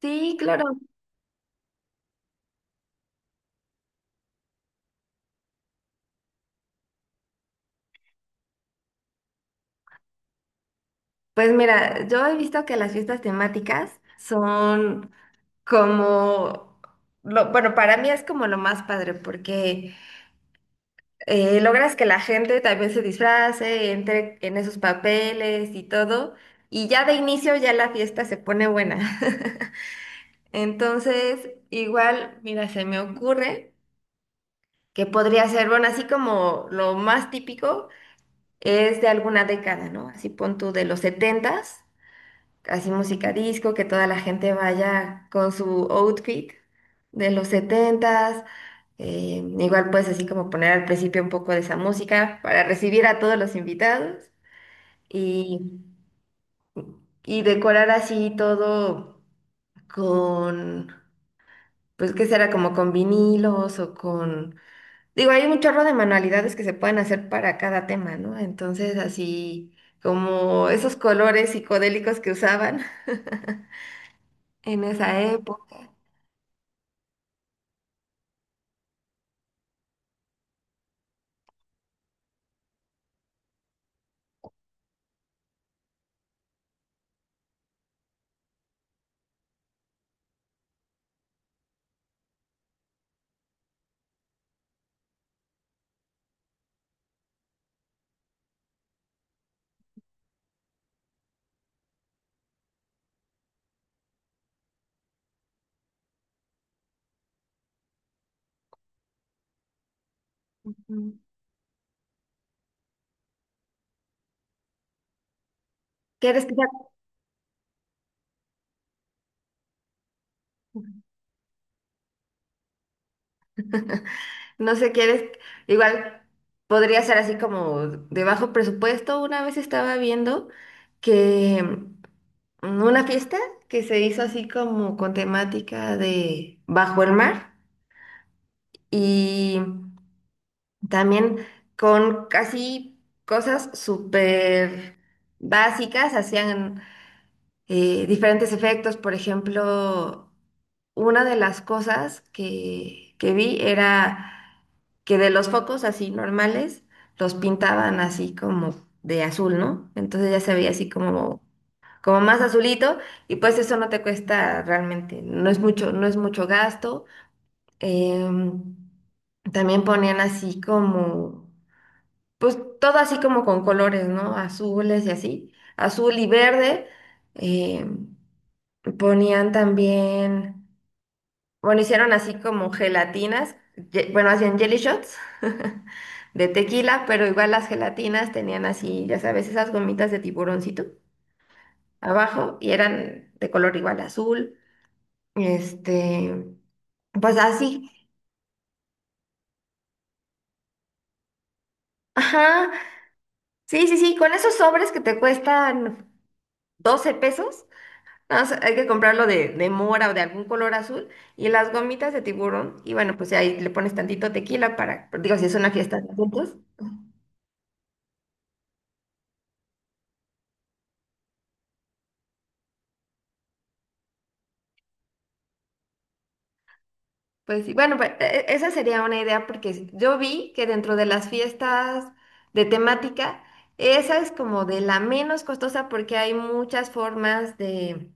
Sí, claro. Pues mira, yo he visto que las fiestas temáticas son como, bueno, para mí es como lo más padre porque logras que la gente también se disfrace, entre en esos papeles y todo, y ya de inicio ya la fiesta se pone buena. Entonces, igual, mira, se me ocurre que podría ser, bueno, así como lo más típico es de alguna década, ¿no? Así pon tú de los setentas, así música disco, que toda la gente vaya con su outfit de los setentas. Igual pues así como poner al principio un poco de esa música para recibir a todos los invitados y, y decorar así todo con, pues qué será, como con vinilos o con... Digo, hay un chorro de manualidades que se pueden hacer para cada tema, ¿no? Entonces así como esos colores psicodélicos que usaban en esa época. ¿Quieres que No sé, quieres, igual podría ser así como de bajo presupuesto. Una vez estaba viendo que una fiesta que se hizo así como con temática de bajo el mar y también con casi cosas súper básicas, hacían diferentes efectos. Por ejemplo, una de las cosas que vi era que de los focos así normales los pintaban así como de azul, ¿no? Entonces ya se veía así como más azulito y pues eso no te cuesta realmente, no es mucho, no es mucho gasto. Em, También ponían así como, pues todo así como con colores, ¿no? Azules y así, azul y verde. Em, Ponían también... Bueno, hicieron así como gelatinas, bueno, hacían jelly shots de tequila, pero igual las gelatinas tenían así, ya sabes, esas gomitas de tiburoncito abajo y eran de color igual azul. Este, pues así. Ajá. Sí, sí, sí, con esos sobres que te cuestan 12 pesos, nada más hay que comprarlo de mora o de algún color azul y las gomitas de tiburón. Y bueno, pues ahí le pones tantito tequila para, digo, si es una fiesta de adultos. Pues sí, bueno, pues esa sería una idea porque yo vi que dentro de las fiestas de temática, esa es como de la menos costosa porque hay muchas formas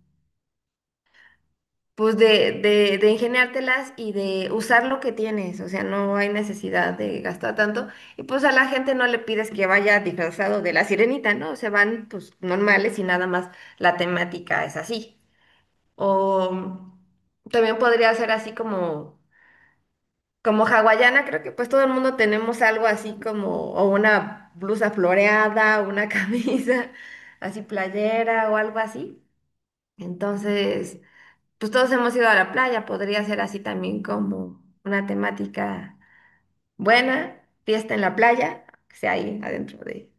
pues de ingeniártelas y de usar lo que tienes, o sea, no hay necesidad de gastar tanto. Y pues a la gente no le pides que vaya disfrazado de la sirenita, ¿no? Se van pues normales y nada más la temática es así. O también podría ser así como... Como hawaiana, creo que pues todo el mundo tenemos algo así como, o una blusa floreada, una camisa así playera o algo así. Entonces, pues todos hemos ido a la playa, podría ser así también como una temática buena, fiesta en la playa, que sea ahí adentro de...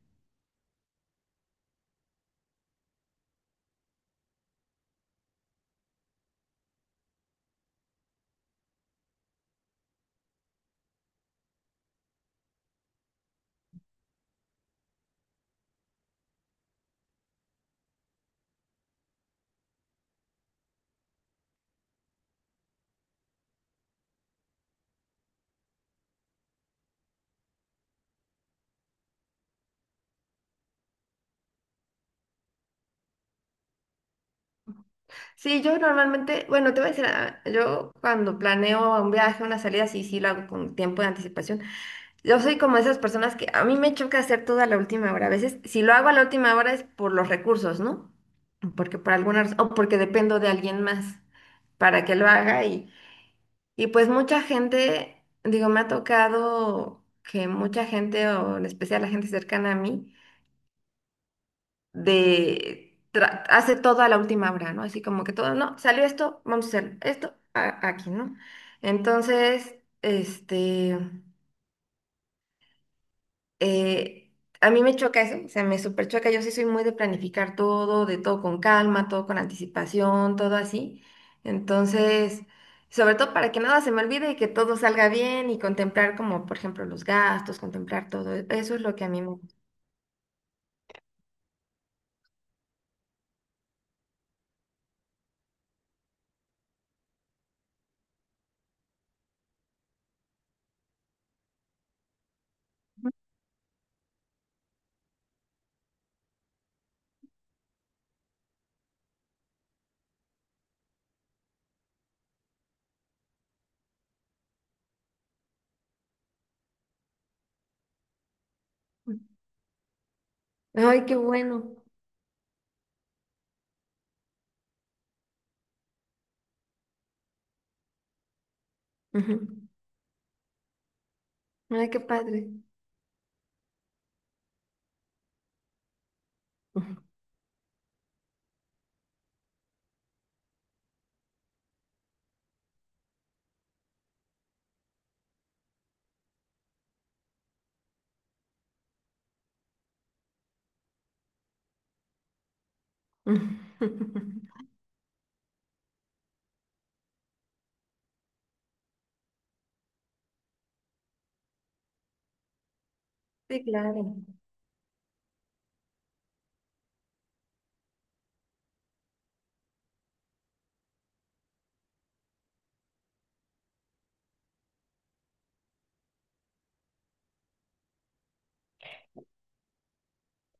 Sí, yo normalmente, bueno, te voy a decir, yo cuando planeo un viaje, una salida, sí, sí lo hago con tiempo de anticipación. Yo soy como esas personas que a mí me choca hacer todo a la última hora. A veces, si lo hago a la última hora es por los recursos, ¿no? Porque por alguna razón, o porque dependo de alguien más para que lo haga. Y pues mucha gente, digo, me ha tocado que mucha gente, o en especial la gente cercana a mí, hace todo a la última hora, ¿no? Así como que todo, no, salió esto, vamos a hacer esto aquí, ¿no? Entonces, este. eh, a mí me choca eso, o sea, me súper choca. Yo sí soy muy de planificar todo, de todo con calma, todo con anticipación, todo así. Entonces, sobre todo para que nada se me olvide y que todo salga bien y contemplar como, por ejemplo, los gastos, contemplar todo. Eso es lo que a mí me gusta. Ay, qué bueno. Ujú. Ay, qué padre. Ujú. Sí, claro.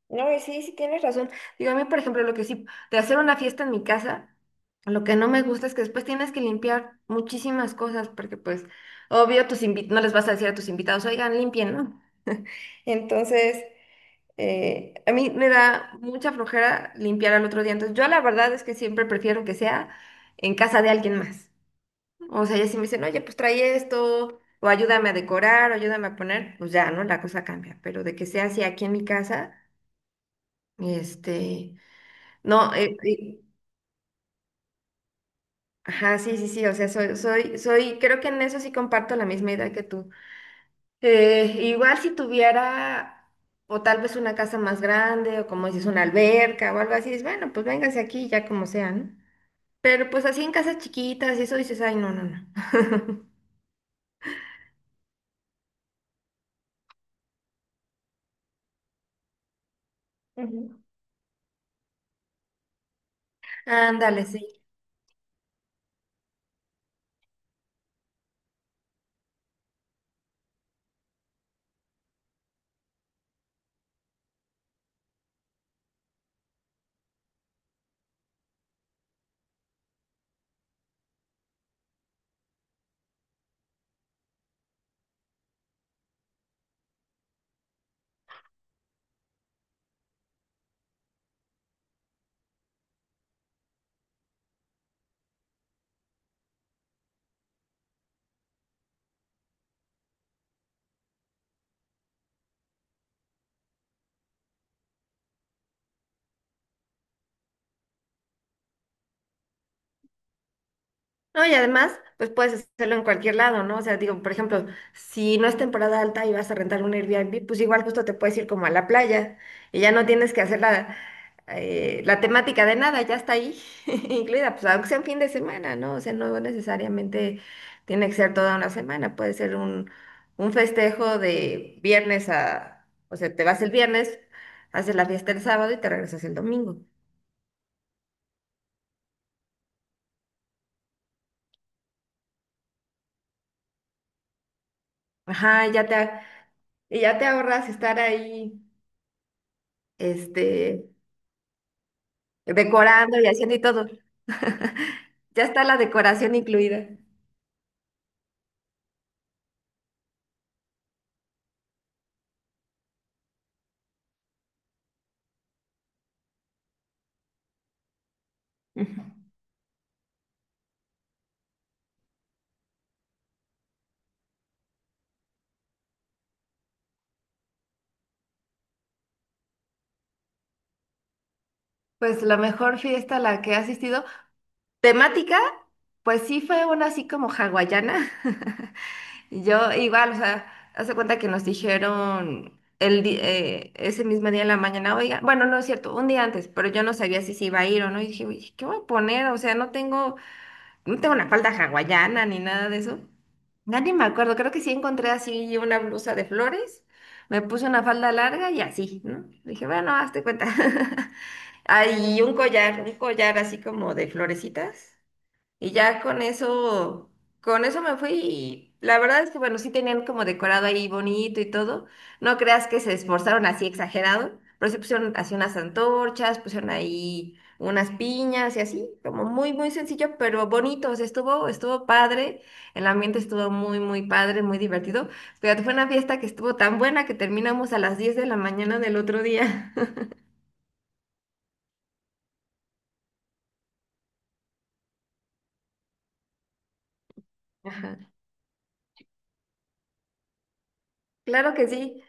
No, y sí, sí tienes razón. Digo, a mí, por ejemplo, lo que sí, de hacer una fiesta en mi casa, lo que no me gusta es que después tienes que limpiar muchísimas cosas, porque pues, obvio, no les vas a decir a tus invitados, oigan, limpien, ¿no? Entonces, a mí me da mucha flojera limpiar al otro día. Entonces, yo la verdad es que siempre prefiero que sea en casa de alguien más. O sea, ya si me dicen, oye, pues trae esto, o ayúdame a decorar, o ayúdame a poner, pues ya, ¿no? La cosa cambia. Pero de que sea así aquí en mi casa. Este, no, ajá, sí, sí, sí, o sea, soy, creo que en eso sí comparto la misma idea que tú. Igual si tuviera, o tal vez una casa más grande, o como dices, una alberca o algo así, dices, bueno, pues véngase aquí, ya como sea, ¿no? Pero pues así en casas chiquitas y eso dices, ay, no, no, no. Ujú. Ándale, sí. No, y además, pues puedes hacerlo en cualquier lado, ¿no? O sea, digo, por ejemplo, si no es temporada alta y vas a rentar un Airbnb, pues igual justo te puedes ir como a la playa y ya no tienes que hacer la temática de nada, ya está ahí incluida, pues aunque sea un fin de semana, ¿no? O sea, no necesariamente tiene que ser toda una semana, puede ser un festejo de viernes o sea, te vas el viernes, haces la fiesta el sábado y te regresas el domingo. Ajá, y ya te ahorras estar ahí, este decorando y haciendo y todo. Ya está la decoración incluida. Ujú. Pues la mejor fiesta a la que he asistido. Temática, pues sí fue una así como hawaiana. Yo igual, o sea, hace cuenta que nos dijeron ese mismo día en la mañana, oiga, bueno, no es cierto, un día antes, pero yo no sabía si se iba a ir o no. Y dije, "Uy, ¿qué voy a poner? O sea, no tengo una falda hawaiana ni nada de eso. Ya ni me acuerdo, creo que sí encontré así una blusa de flores, me puse una falda larga y así, ¿no? Dije, bueno, hazte cuenta. Ah, y un collar así como de florecitas. Y ya con eso me fui y la verdad es que, bueno, sí tenían como decorado ahí bonito y todo. No creas que se esforzaron así exagerado, pero sí pusieron así unas antorchas, pusieron ahí unas piñas y así, como muy, muy sencillo, pero bonito. O sea, estuvo padre, el ambiente estuvo muy, muy padre, muy divertido. Fíjate, fue una fiesta que estuvo tan buena que terminamos a las 10 de la mañana del otro día. Ajá. Claro que sí.